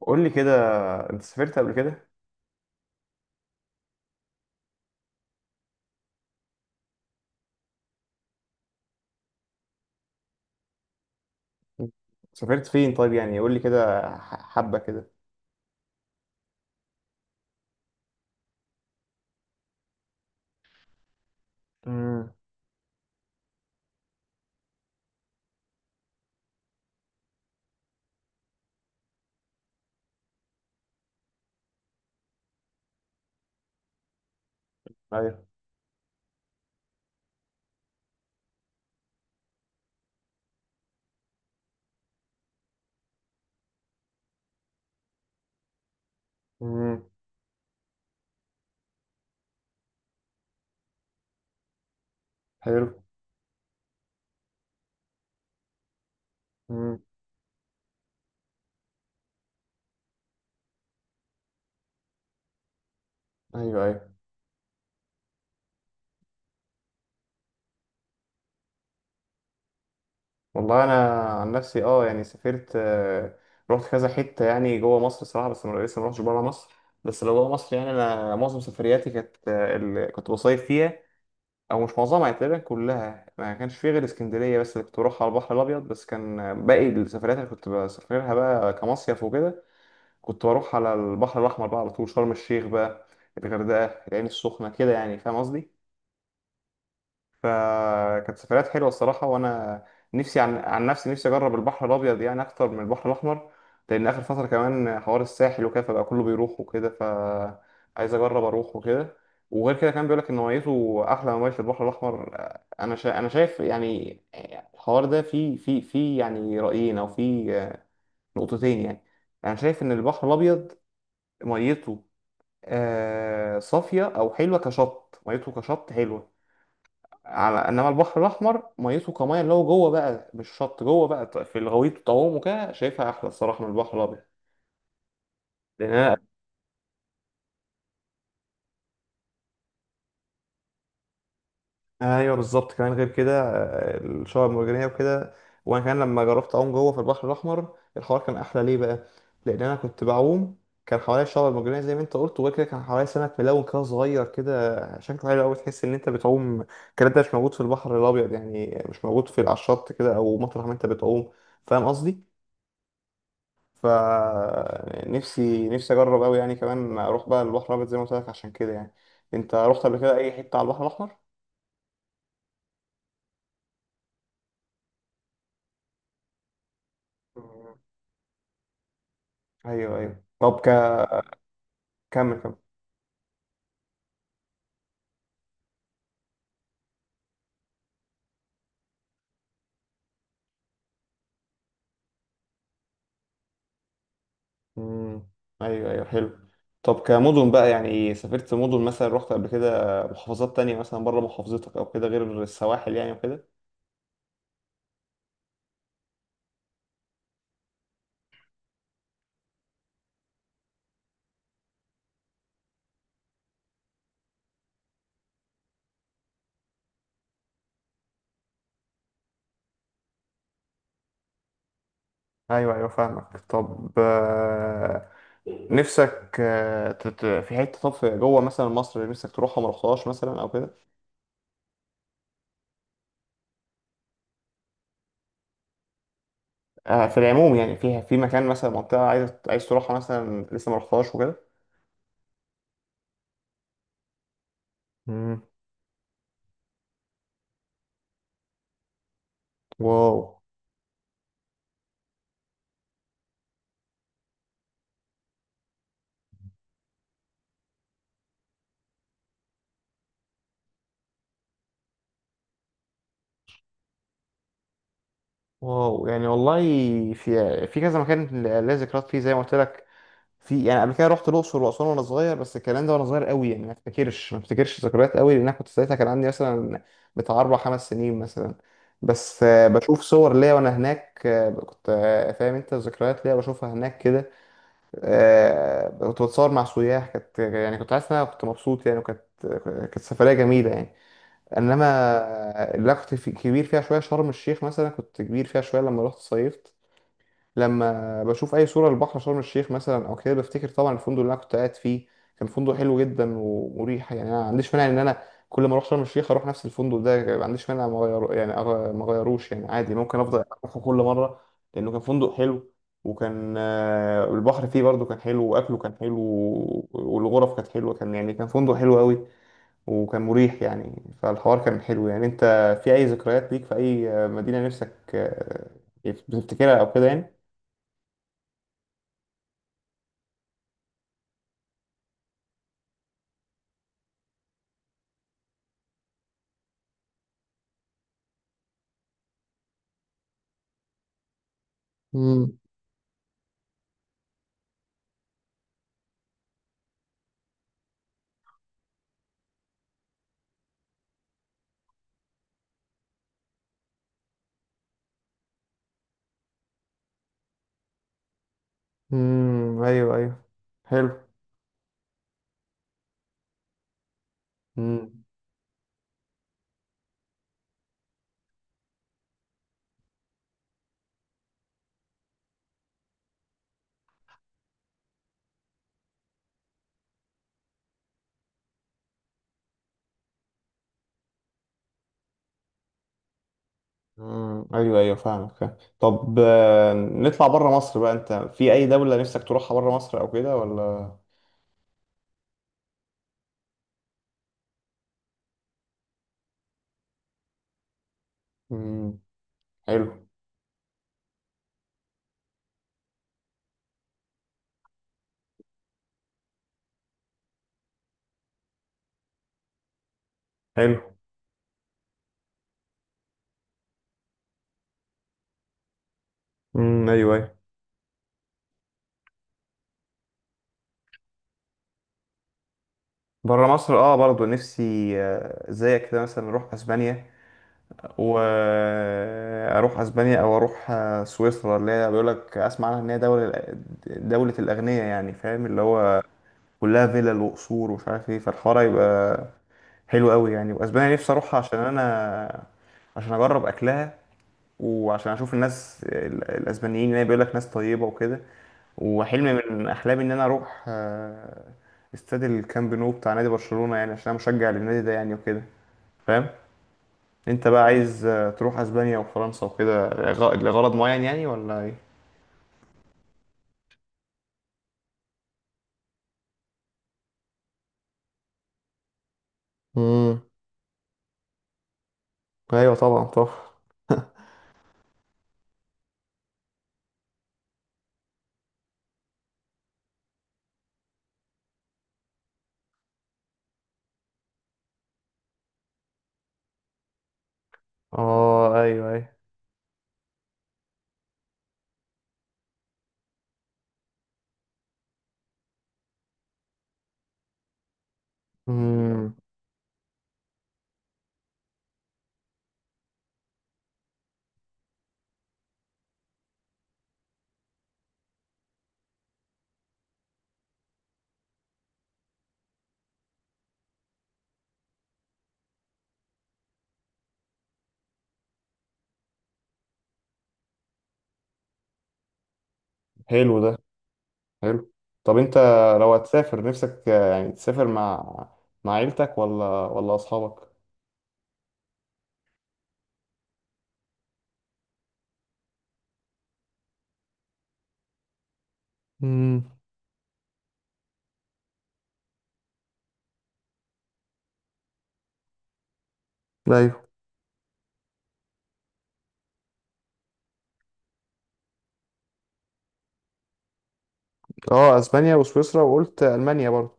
قول لي كده، انت سافرت قبل كده؟ سافرت فين طيب؟ يعني قول لي كده حبة كده. امم. ايوه. امم. حلو. امم. ايوه، ايوه. والله انا، عن نفسي، يعني سافرت، رحت كذا حتة يعني جوه مصر صراحة، بس انا لسه ما رحتش بره مصر. بس لو جوه مصر، يعني انا معظم سفرياتي كانت، اللي كنت بصيف فيها. او مش معظمها، يعني تقريبا كلها ما كانش فيه غير اسكندرية بس اللي كنت بروحها على البحر الابيض، بس كان، باقي السفريات اللي كنت بسافرها بقى كمصيف وكده. كنت بروح على البحر الأحمر بقى على طول، شرم الشيخ بقى، الغردقة، العين السخنة كده، يعني فاهم قصدي. فكانت سفريات حلوة الصراحة، وأنا نفسي، عن نفسي، نفسي أجرب البحر الأبيض يعني أكتر من البحر الأحمر. لأن آخر فترة كمان حوار الساحل وكده، فبقى كله بيروح وكده، فعايز أجرب أروح وكده. وغير كده كان بيقولك إن ميته أحلى من مية البحر الأحمر. أنا شايف يعني الحوار ده فيه، فيه يعني رأيين، أو فيه نقطتين يعني. أنا شايف إن البحر الأبيض ميته، صافية أو حلوة كشط، ميته كشط حلوة. على إنما البحر الأحمر ميته، كمية اللي هو جوه بقى مش شط جوه بقى، في الغويط والطعوم وكده، شايفها أحلى الصراحة من البحر الأبيض. لأن أنا. ايوه بالظبط. كمان غير كده، الشعب المرجانيه وكده. وانا كمان لما جربت اعوم جوه في البحر الاحمر، الحوار كان احلى. ليه بقى؟ لان انا كنت بعوم، كان حواليا الشعب المرجانيه زي ما انت قلت، وغير كده كان حواليا سمك ملون كده صغير كده شكله حلو قوي، تحس ان انت بتعوم. الكلام ده مش موجود في البحر الابيض، يعني مش موجود في، على الشط كده او مطرح ما انت بتعوم. فاهم قصدي. ف نفسي اجرب قوي يعني، كمان اروح بقى البحر الابيض زي ما قلت لك. عشان كده يعني انت رحت قبل كده اي حته على البحر الاحمر؟ ايوه، ايوه. طب كمل كمل. مم. ايوه، ايوه، حلو. طب كمدن بقى، يعني سافرت مدن؟ مثلا رحت قبل كده محافظات تانية مثلا بره محافظتك او كده غير السواحل يعني وكده؟ ايوه ايوه فاهمك. طب، نفسك، في حته، طب في جوه مثلا مصر، نفسك تروحها ما رحتهاش مثلا او كده؟ في العموم يعني، في مكان مثلا، منطقه عايز تروحها مثلا لسه ما رحتهاش وكده. مم. واو. واو يعني والله، في كذا مكان ليا ذكريات فيه زي ما قلت لك. في يعني قبل كده رحت الاقصر واسوان وانا صغير، بس الكلام ده وانا صغير قوي يعني، ما افتكرش ذكريات قوي، لان انا كنت ساعتها كان عندي مثلا بتاع اربع خمس سنين مثلا. بس، بشوف صور ليا وانا هناك، كنت، فاهم انت، ذكريات ليا بشوفها هناك كده. كنت بتصور مع سياح، كانت يعني كنت حاسس ان انا كنت مبسوط يعني، وكانت سفريه جميله يعني. انما اللي أنا كنت كبير فيها شويه، شرم الشيخ مثلا كنت كبير فيها شويه لما رحت صيفت. لما بشوف اي صوره للبحر شرم الشيخ مثلا او كده بفتكر طبعا الفندق اللي انا كنت قاعد فيه. كان فندق حلو جدا ومريح يعني، انا ما عنديش مانع ان انا كل ما اروح شرم الشيخ اروح نفس الفندق ده، ما عنديش مانع ما اغير يعني، ما اغيروش يعني، عادي ممكن افضل اروحه كل مره. لانه كان فندق حلو، وكان، البحر فيه برضه كان حلو، واكله كان حلو، والغرف كانت حلوه، كان يعني كان فندق حلو قوي وكان مريح يعني. فالحوار كان حلو يعني. انت في اي ذكريات ليك في اي مدينة نفسك، بتفتكرها او كده يعني؟ امم. امم. ايوه ايوه حلو. امم. امم. ايوه ايوه فاهمك، فاهم. طب، نطلع بره مصر بقى، انت في اي دولة نفسك تروحها بره مصر او كده ولا؟ امم. حلو. حلو. امم. ايوه، ايوه. بره مصر، اه برضو نفسي، زيك كده مثلا نروح اسبانيا، واروح اسبانيا، او اروح سويسرا، اللي هي بيقول لك اسمع عنها ان هي دوله، دوله الاغنياء يعني، فاهم، اللي هو كلها فيلل وقصور ومش عارف ايه، فالحوار يبقى حلو قوي يعني. واسبانيا نفسي اروحها عشان انا، عشان اجرب اكلها، وعشان اشوف الناس الاسبانيين اللي بيقول لك ناس طيبه وكده. وحلم من احلامي ان انا اروح، استاد الكامب نو بتاع نادي برشلونه، يعني عشان انا مشجع للنادي ده يعني وكده، فاهم. انت بقى عايز، تروح اسبانيا وفرنسا وكده لغرض معين يعني ولا ايه؟ امم. ايوه، طبعا، طبعا. اه، ايوه، ايوه. امم. حلو ده، حلو. طب انت لو هتسافر، نفسك، يعني تسافر مع، مع عيلتك ولا اصحابك؟ امم. ايوه. اه، اسبانيا وسويسرا، وقلت المانيا برضه.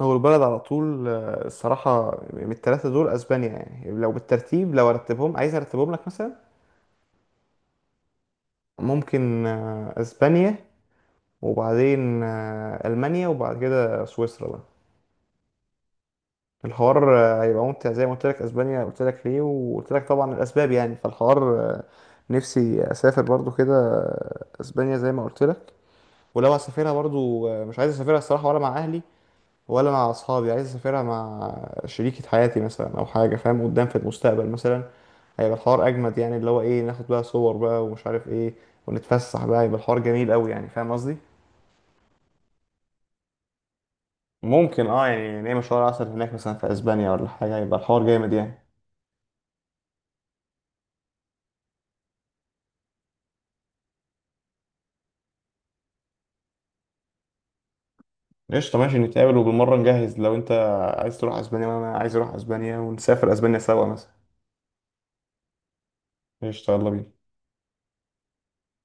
اول بلد على طول، الصراحه من الثلاثه دول اسبانيا. يعني لو بالترتيب، لو ارتبهم، عايز ارتبهم لك مثلا. ممكن، اسبانيا، وبعدين، ألمانيا، وبعد كده سويسرا بقى. الحوار، هيبقى ممتع زي ما قلت لك. اسبانيا قلت لك ليه، وقلت لك طبعا الاسباب يعني. فالحوار، نفسي اسافر برضو كده، اسبانيا زي ما قلت لك. ولو هسافرها برضو، مش عايز اسافرها الصراحه ولا مع اهلي ولا مع اصحابي، عايز اسافرها مع شريكة حياتي مثلا او حاجه، فاهم، قدام في المستقبل مثلا. هيبقى الحوار اجمد يعني، اللي هو ايه، ناخد بقى صور بقى ومش عارف ايه، ونتفسح بقى، يبقى الحوار جميل قوي يعني، فاهم قصدي. ممكن يعني نعمل شهر عسل هناك مثلا في اسبانيا ولا حاجه، يبقى الحوار جامد يعني. قشطه ماشي، نتقابل، وبالمره نجهز لو انت عايز تروح اسبانيا وانا عايز اروح اسبانيا، ونسافر اسبانيا سوا مثلا. قشطه، يلا بينا.